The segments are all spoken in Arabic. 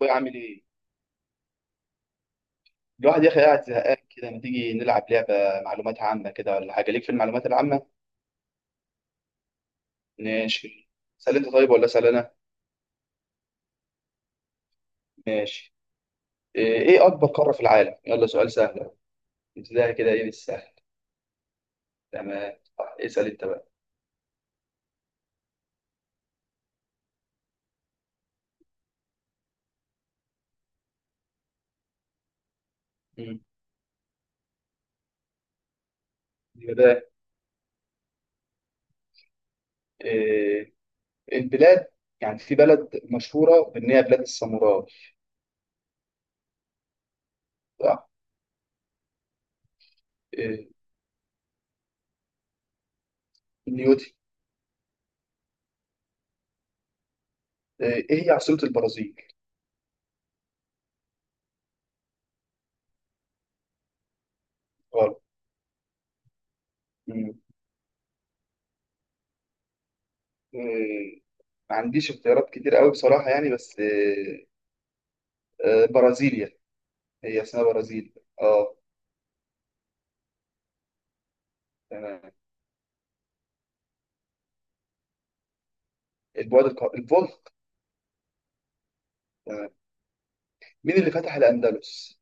بعمل ايه. الواحد يا اخي قاعد زهقان كده، ما تيجي نلعب لعبه معلومات عامه كده ولا حاجه؟ ليك في المعلومات العامه؟ ماشي. سأل انت طيب ولا اسال انا؟ ماشي. ايه اكبر قاره في العالم؟ يلا سؤال سهل ابتدائي كده، ايه بالسهل. تمام طيب، اسال انت بقى. مم. كده. إيه البلاد، يعني في بلد مشهوره بان هي بلاد الساموراي. صح. إيه نيوتي. إيه إيه هي عاصمه البرازيل؟ غلط. مم. إيه ما عنديش اختيارات كتير قوي بصراحه يعني، بس إيه. برازيليا، هي اسمها برازيل. اه تمام. الفولق. تمام. مين اللي فتح الأندلس؟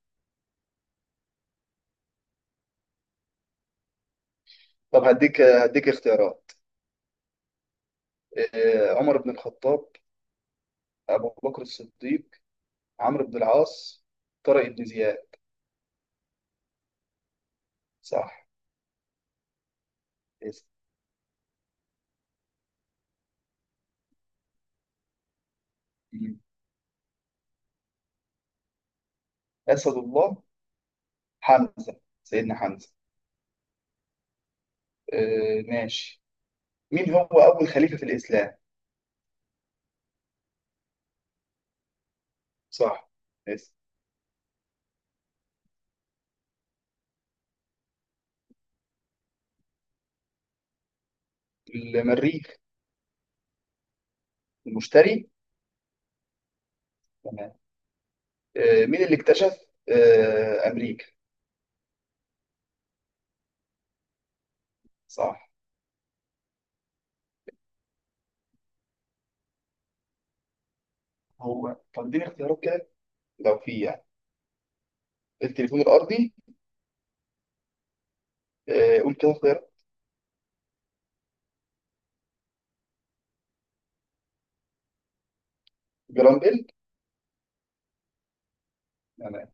طب هديك اختيارات. عمر بن الخطاب، أبو بكر الصديق، عمرو بن العاص، طارق بن زياد. صح. اسم. مم. أسد الله، حمزة سيدنا حمزة. ماشي. مين هو أول خليفة في الإسلام؟ صح. اسم. المريخ، المشتري. تمام. مين اللي اكتشف أمريكا؟ صح. هو طب اديني اختيارات كده لو في، يعني التليفون الارضي. قول كده اختيارات. جرام بيل. تمام.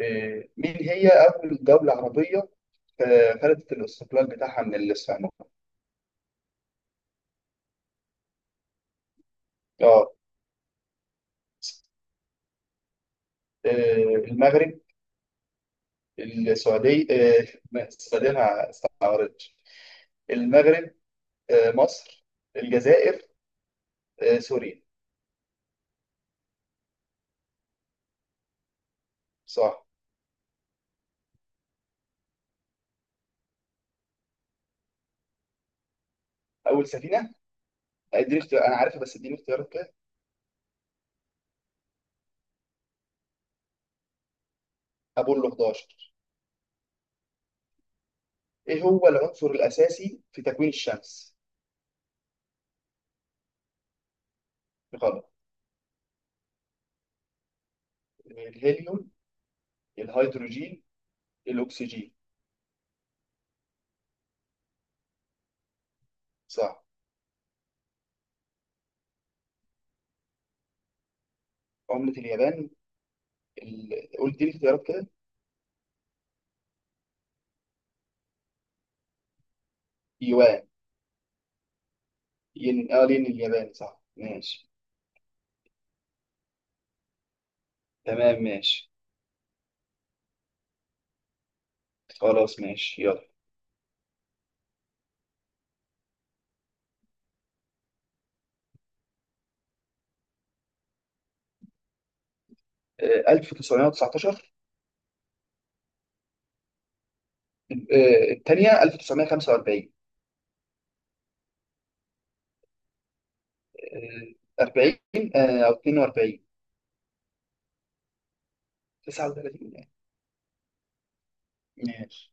مين هي اول دوله عربيه خدت الاستقلال بتاعها من الاسبان؟ اه. آه، المغرب، السعوديه، السعوديه ما استعارتش، المغرب، مصر، الجزائر، سوريا. صح. اول سفينه. اديني اختيار، انا عارفها بس اديني اختيارات كده. ابولو 11. ايه هو العنصر الاساسي في تكوين الشمس؟ غلط. الهيليوم، الهيدروجين، الأكسجين. صح. عملة اليابان. ال... قلت لي اختيارات كده. يوان. ين اه، لين الياباني. صح ماشي. تمام ماشي. خلاص ماشي يلا. 1919. الثانية 1945. 40، أو 42. 39 يعني. ماشي.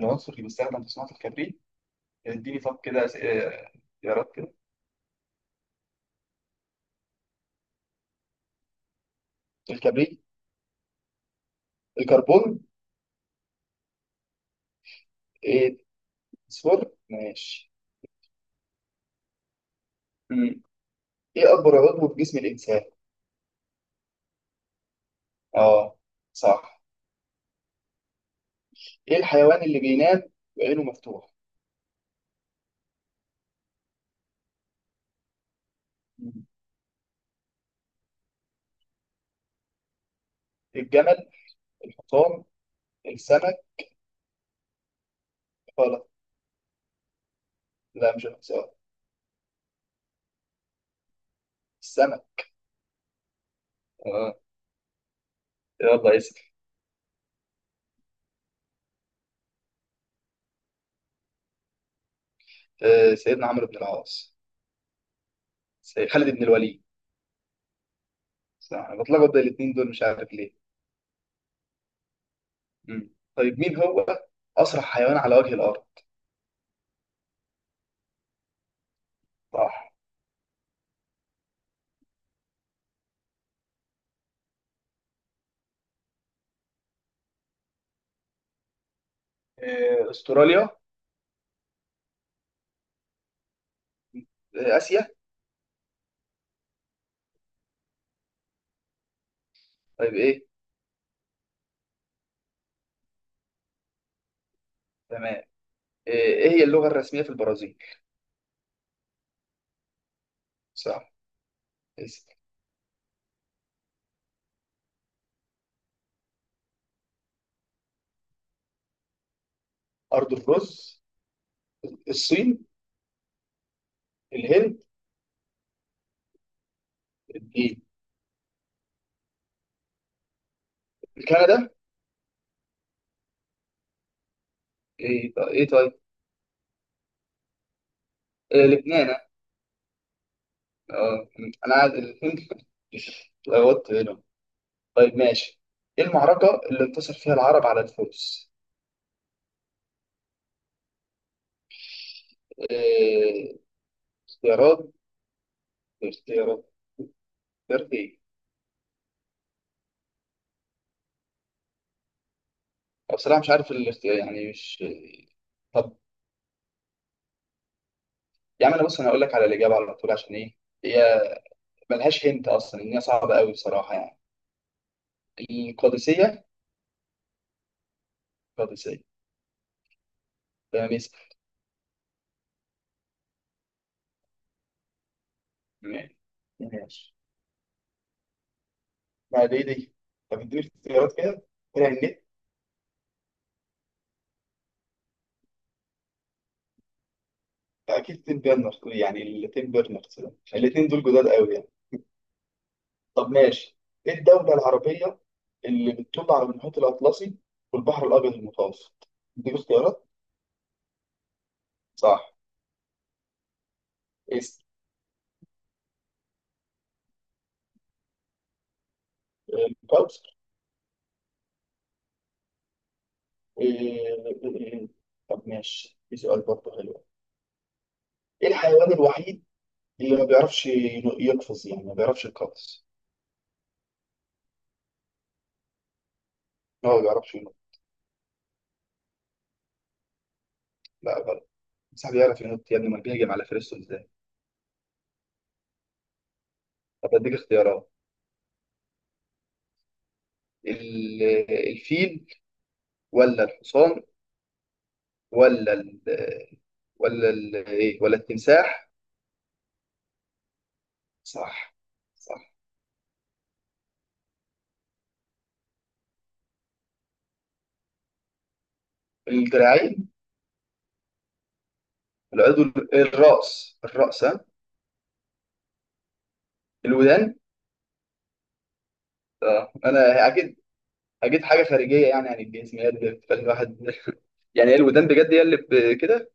العنصر اللي بيستخدم في صناعة الكبريت. اديني طب كده اختيارات كده. الكبريت، الكربون، آه، الفوسفور ماشي. مم. إيه أكبر عضو في جسم الإنسان؟ اه صح. ايه الحيوان اللي بينام وعينه مفتوح؟ مم. الجمل، الحصان، السمك. غلط. لا مش الحصان. السمك. اه. يلا اسال. سيدنا عمرو بن العاص، سيد خالد بن الوليد. صح. انا بتلخبط بين الاثنين دول مش عارف ليه. مم. طيب مين هو اسرع حيوان على وجه الارض؟ صح. استراليا، اسيا. طيب ايه؟ تمام. ايه هي اللغة الرسمية في البرازيل؟ صح. اسال. ارض الرز، الصين، الهند، الدين، كندا. ايه طيب، ايه طيب. إيه لبنان. اه. انا قاعد الهند لغوت هنا. طيب ماشي. ايه المعركة اللي انتصر فيها العرب على الفرس؟ إيه اختيارات اختيارات؟ اختيارات ايه؟ أو بصراحة مش عارف الاختيار، يعني مش. طب يا عم انا بص، انا هقول لك على الإجابة على طول، عشان ايه؟ هي ملهاش هنت اصلا، ان هي صعبة قوي بصراحة يعني. القادسية، القادسية. تمام ماشي ماشي. بعد ايه دي، طب اديني اختيارات كده. اكيد تيم بيرنرز، يعني التيم بيرنرز ده، الاثنين دول جداد قوي يعني. طب ماشي. ايه الدوله العربيه اللي بتطل على المحيط الاطلسي والبحر الابيض المتوسط؟ دي اختيارات. صح. اسم. الكوثر. إيه- طب ماشي، في سؤال برضه حلو. ايه الحيوان الوحيد اللي ما بيعرفش يقفز، يعني ما بيعرفش يقفز؟ هو ما بيعرفش ينط. لا غلط. بس بيعرف ينط يا ابني، ما بيهجم على فريسته ازاي؟ طب اديك اختيارات. ال- الفيل، ولا الحصان، ولا ال، ولا ال ايه، ولا التمساح. صح صح. الدراعين. العضو. الراس الراس ها. الودان. اه انا اكيد. اكيد حاجه خارجيه يعني عن الجسم، هي اللي بتخلي الواحد يعني هي الودان بجد، هي اللي كده.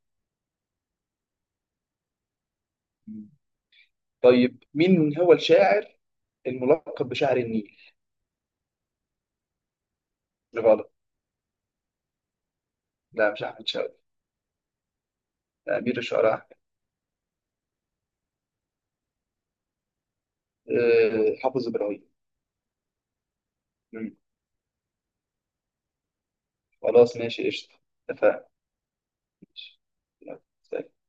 طيب مين هو الشاعر الملقب بشاعر النيل؟ غلط. لا مش احمد شوقي. لا، امير الشعراء أحمد. أه حافظ ابراهيم. مم. خلاص ماشي قشطه. اتفقنا. ماشي. يلا، سلام.